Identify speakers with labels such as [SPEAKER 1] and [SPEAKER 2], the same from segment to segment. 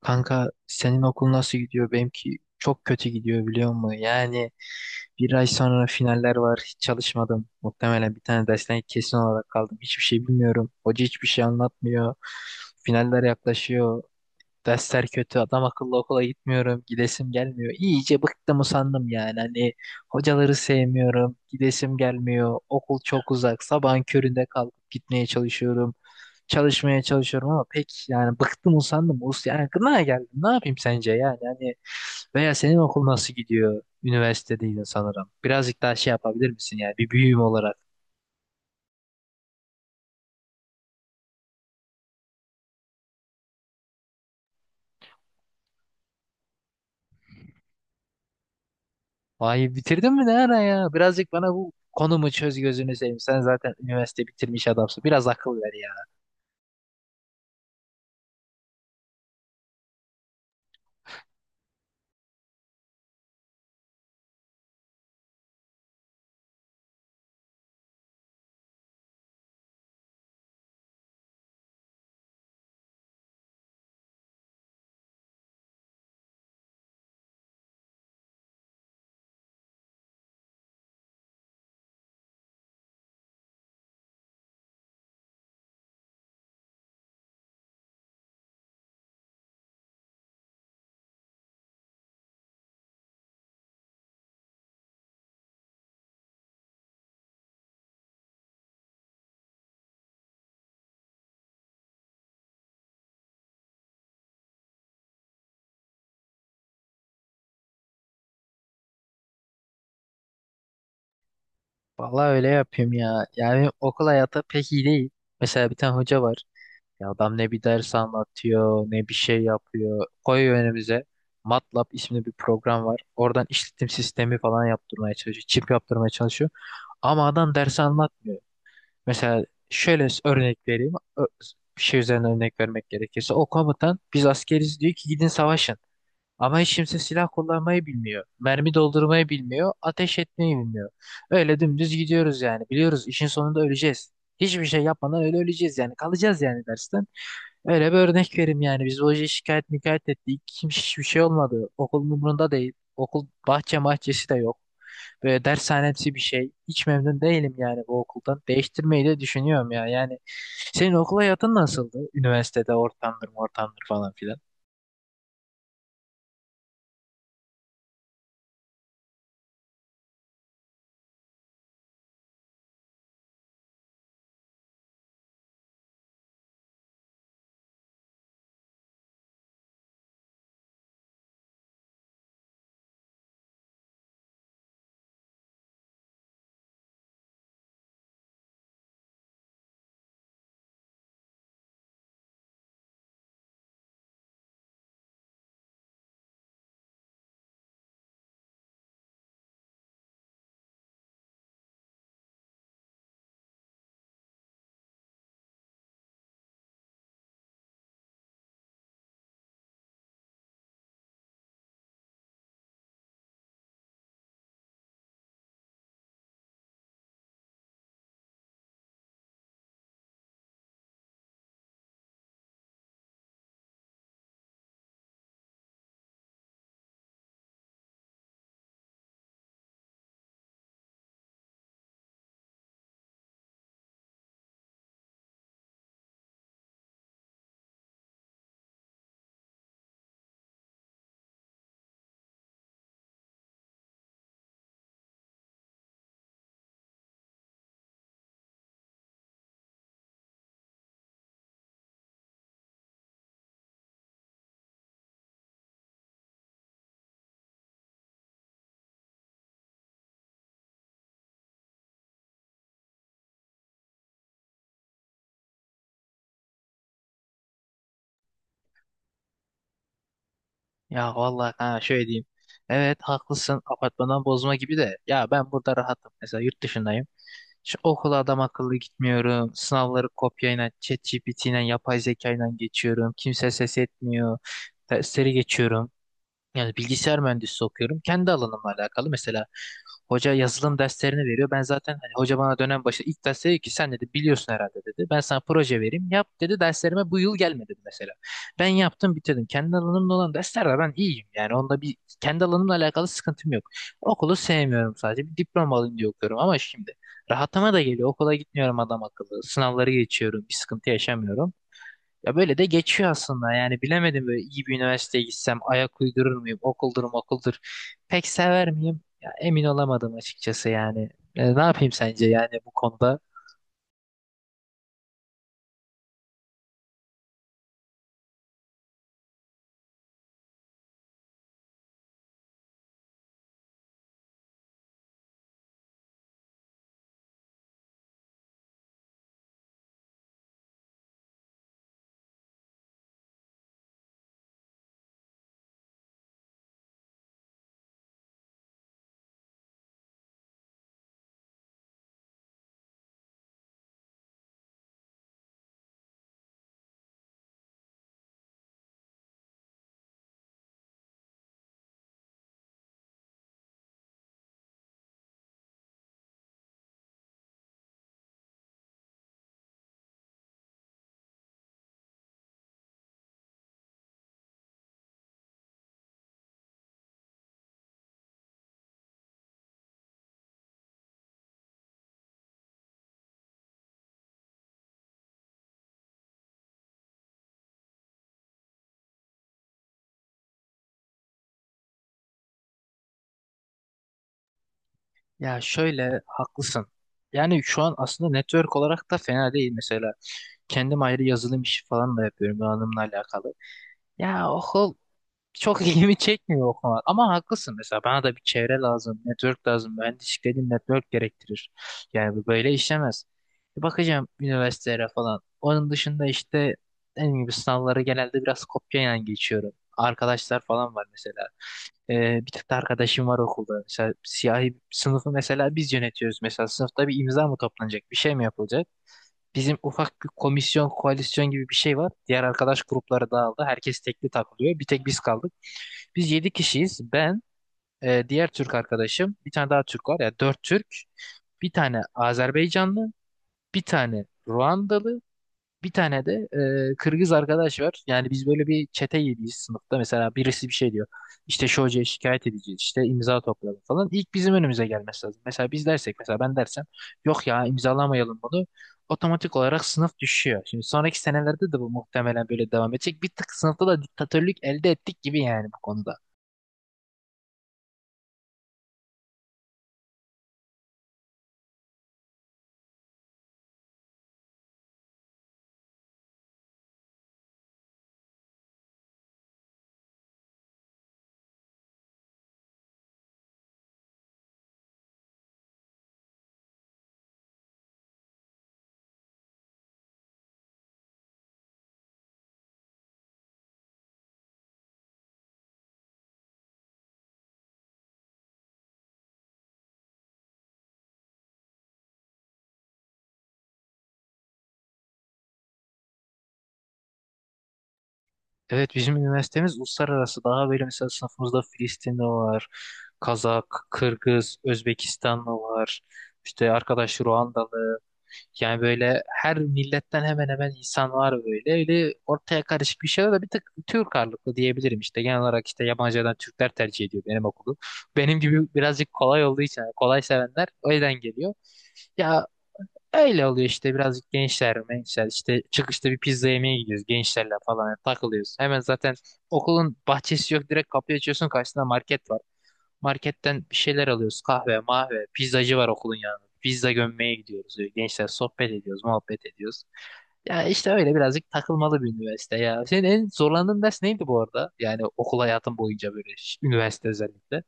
[SPEAKER 1] Kanka senin okul nasıl gidiyor? Benimki çok kötü gidiyor biliyor musun? Yani bir ay sonra finaller var. Hiç çalışmadım. Muhtemelen bir tane dersten kesin olarak kaldım. Hiçbir şey bilmiyorum. Hoca hiçbir şey anlatmıyor. Finaller yaklaşıyor. Dersler kötü, adam akıllı okula gitmiyorum, gidesim gelmiyor. İyice bıktım usandım yani. Hani hocaları sevmiyorum, gidesim gelmiyor. Okul çok uzak, sabahın köründe kalkıp gitmeye çalışıyorum. Çalışmaya çalışıyorum ama pek yani bıktım usandım. Yani gına geldim. Ne yapayım sence yani? Hani veya senin okul nasıl gidiyor? Üniversitedeydin sanırım. Birazcık daha şey yapabilir misin yani bir büyüğüm olarak? Vay bitirdin mi ne ara ya? Birazcık bana bu konumu çöz gözünü seveyim. Sen zaten üniversite bitirmiş adamsın. Biraz akıl ver ya. Vallahi öyle yapayım ya. Yani okul hayatı pek iyi değil. Mesela bir tane hoca var. Ya adam ne bir ders anlatıyor, ne bir şey yapıyor. Koyuyor önümüze. MATLAB isimli bir program var. Oradan işletim sistemi falan yaptırmaya çalışıyor. Çip yaptırmaya çalışıyor. Ama adam dersi anlatmıyor. Mesela şöyle örnek vereyim. Bir şey üzerine örnek vermek gerekirse. O komutan biz askeriz diyor ki gidin savaşın. Ama hiç kimse silah kullanmayı bilmiyor. Mermi doldurmayı bilmiyor. Ateş etmeyi bilmiyor. Öyle dümdüz gidiyoruz yani. Biliyoruz işin sonunda öleceğiz. Hiçbir şey yapmadan öyle öleceğiz yani. Kalacağız yani dersten. Öyle bir örnek vereyim yani. Biz hoca şikayet mikayet ettik. Kim hiçbir şey olmadı. Okulun umurunda değil. Okul bahçe mahçesi de yok. Böyle dershanemsi bir şey. Hiç memnun değilim yani bu okuldan. Değiştirmeyi de düşünüyorum ya. Yani senin okul hayatın nasıldı? Üniversitede ortamdır, ortamdır falan. Ya vallahi ha şöyle diyeyim. Evet haklısın apartmandan bozma gibi de ya ben burada rahatım. Mesela yurt dışındayım. Şu okula adam akıllı gitmiyorum. Sınavları kopyayla, ChatGPT'yle, yapay zekayla geçiyorum. Kimse ses etmiyor. Dersleri geçiyorum. Yani bilgisayar mühendisliği okuyorum. Kendi alanımla alakalı. Mesela hoca yazılım derslerini veriyor. Ben zaten hani hoca bana dönem başı ilk ders dedi ki sen dedi biliyorsun herhalde dedi. Ben sana proje vereyim. Yap dedi derslerime bu yıl gelme dedi mesela. Ben yaptım bitirdim. Kendi alanımda olan derslerde ben iyiyim. Yani onda bir kendi alanımla alakalı sıkıntım yok. Okulu sevmiyorum sadece. Bir diploma alayım diye okuyorum ama şimdi rahatıma da geliyor. Okula gitmiyorum adam akıllı. Sınavları geçiyorum. Bir sıkıntı yaşamıyorum. Ya böyle de geçiyor aslında yani bilemedim böyle iyi bir üniversiteye gitsem ayak uydurur muyum okuldur okuldur pek sever miyim ya emin olamadım açıkçası yani. E, ne yapayım sence yani bu konuda? Ya şöyle haklısın yani şu an aslında network olarak da fena değil mesela kendim ayrı yazılım işi falan da yapıyorum donanımla alakalı. Ya okul çok ilgimi çekmiyor o konular. Ama haklısın mesela bana da bir çevre lazım, network lazım. Mühendislik dediğin network gerektirir. Yani bu böyle işlemez. Bir bakacağım üniversitelere falan. Onun dışında işte dediğim gibi sınavları genelde biraz kopyayla geçiyorum. Arkadaşlar falan var mesela. Bir tık da arkadaşım var okulda. Mesela siyahi sınıfı mesela biz yönetiyoruz. Mesela sınıfta bir imza mı toplanacak, bir şey mi yapılacak? Bizim ufak bir komisyon, koalisyon gibi bir şey var. Diğer arkadaş grupları dağıldı. Herkes tekli takılıyor. Bir tek biz kaldık. Biz 7 kişiyiz. Ben, diğer Türk arkadaşım, bir tane daha Türk var. Yani dört Türk, bir tane Azerbaycanlı, bir tane Ruandalı, bir tane de Kırgız arkadaş var. Yani biz böyle bir çete gibiyiz sınıfta. Mesela birisi bir şey diyor. İşte şu hocaya şikayet edeceğiz. İşte imza toplayalım falan. İlk bizim önümüze gelmesi lazım. Mesela biz dersek mesela ben dersem yok ya imzalamayalım bunu. Otomatik olarak sınıf düşüyor. Şimdi sonraki senelerde de bu muhtemelen böyle devam edecek. Bir tık sınıfta da diktatörlük elde ettik gibi yani bu konuda. Evet bizim üniversitemiz uluslararası daha böyle mesela sınıfımızda Filistinli var, Kazak, Kırgız, Özbekistanlı var, işte arkadaş Ruandalı. Yani böyle her milletten hemen hemen insan var böyle. Öyle ortaya karışık bir şeyler de bir tık Türk ağırlıklı diyebilirim işte. Genel olarak işte yabancılardan Türkler tercih ediyor benim okulu. Benim gibi birazcık kolay olduğu için yani kolay sevenler o yüzden geliyor. Ya öyle oluyor işte birazcık gençler, gençler işte çıkışta bir pizza yemeye gidiyoruz gençlerle falan yani takılıyoruz. Hemen zaten okulun bahçesi yok direkt kapıyı açıyorsun karşısında market var. Marketten bir şeyler alıyoruz. Kahve, mahve, pizzacı var okulun yanında. Pizza gömmeye gidiyoruz. Böyle gençler sohbet ediyoruz, muhabbet ediyoruz. Ya işte öyle birazcık takılmalı bir üniversite ya. Senin en zorlandığın ders neydi bu arada? Yani okul hayatın boyunca böyle üniversite özellikle.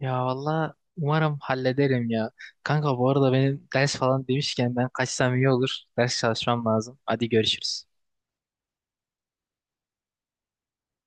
[SPEAKER 1] Ya valla umarım hallederim ya. Kanka bu arada benim ders falan demişken ben kaçsam iyi olur. Ders çalışmam lazım. Hadi görüşürüz.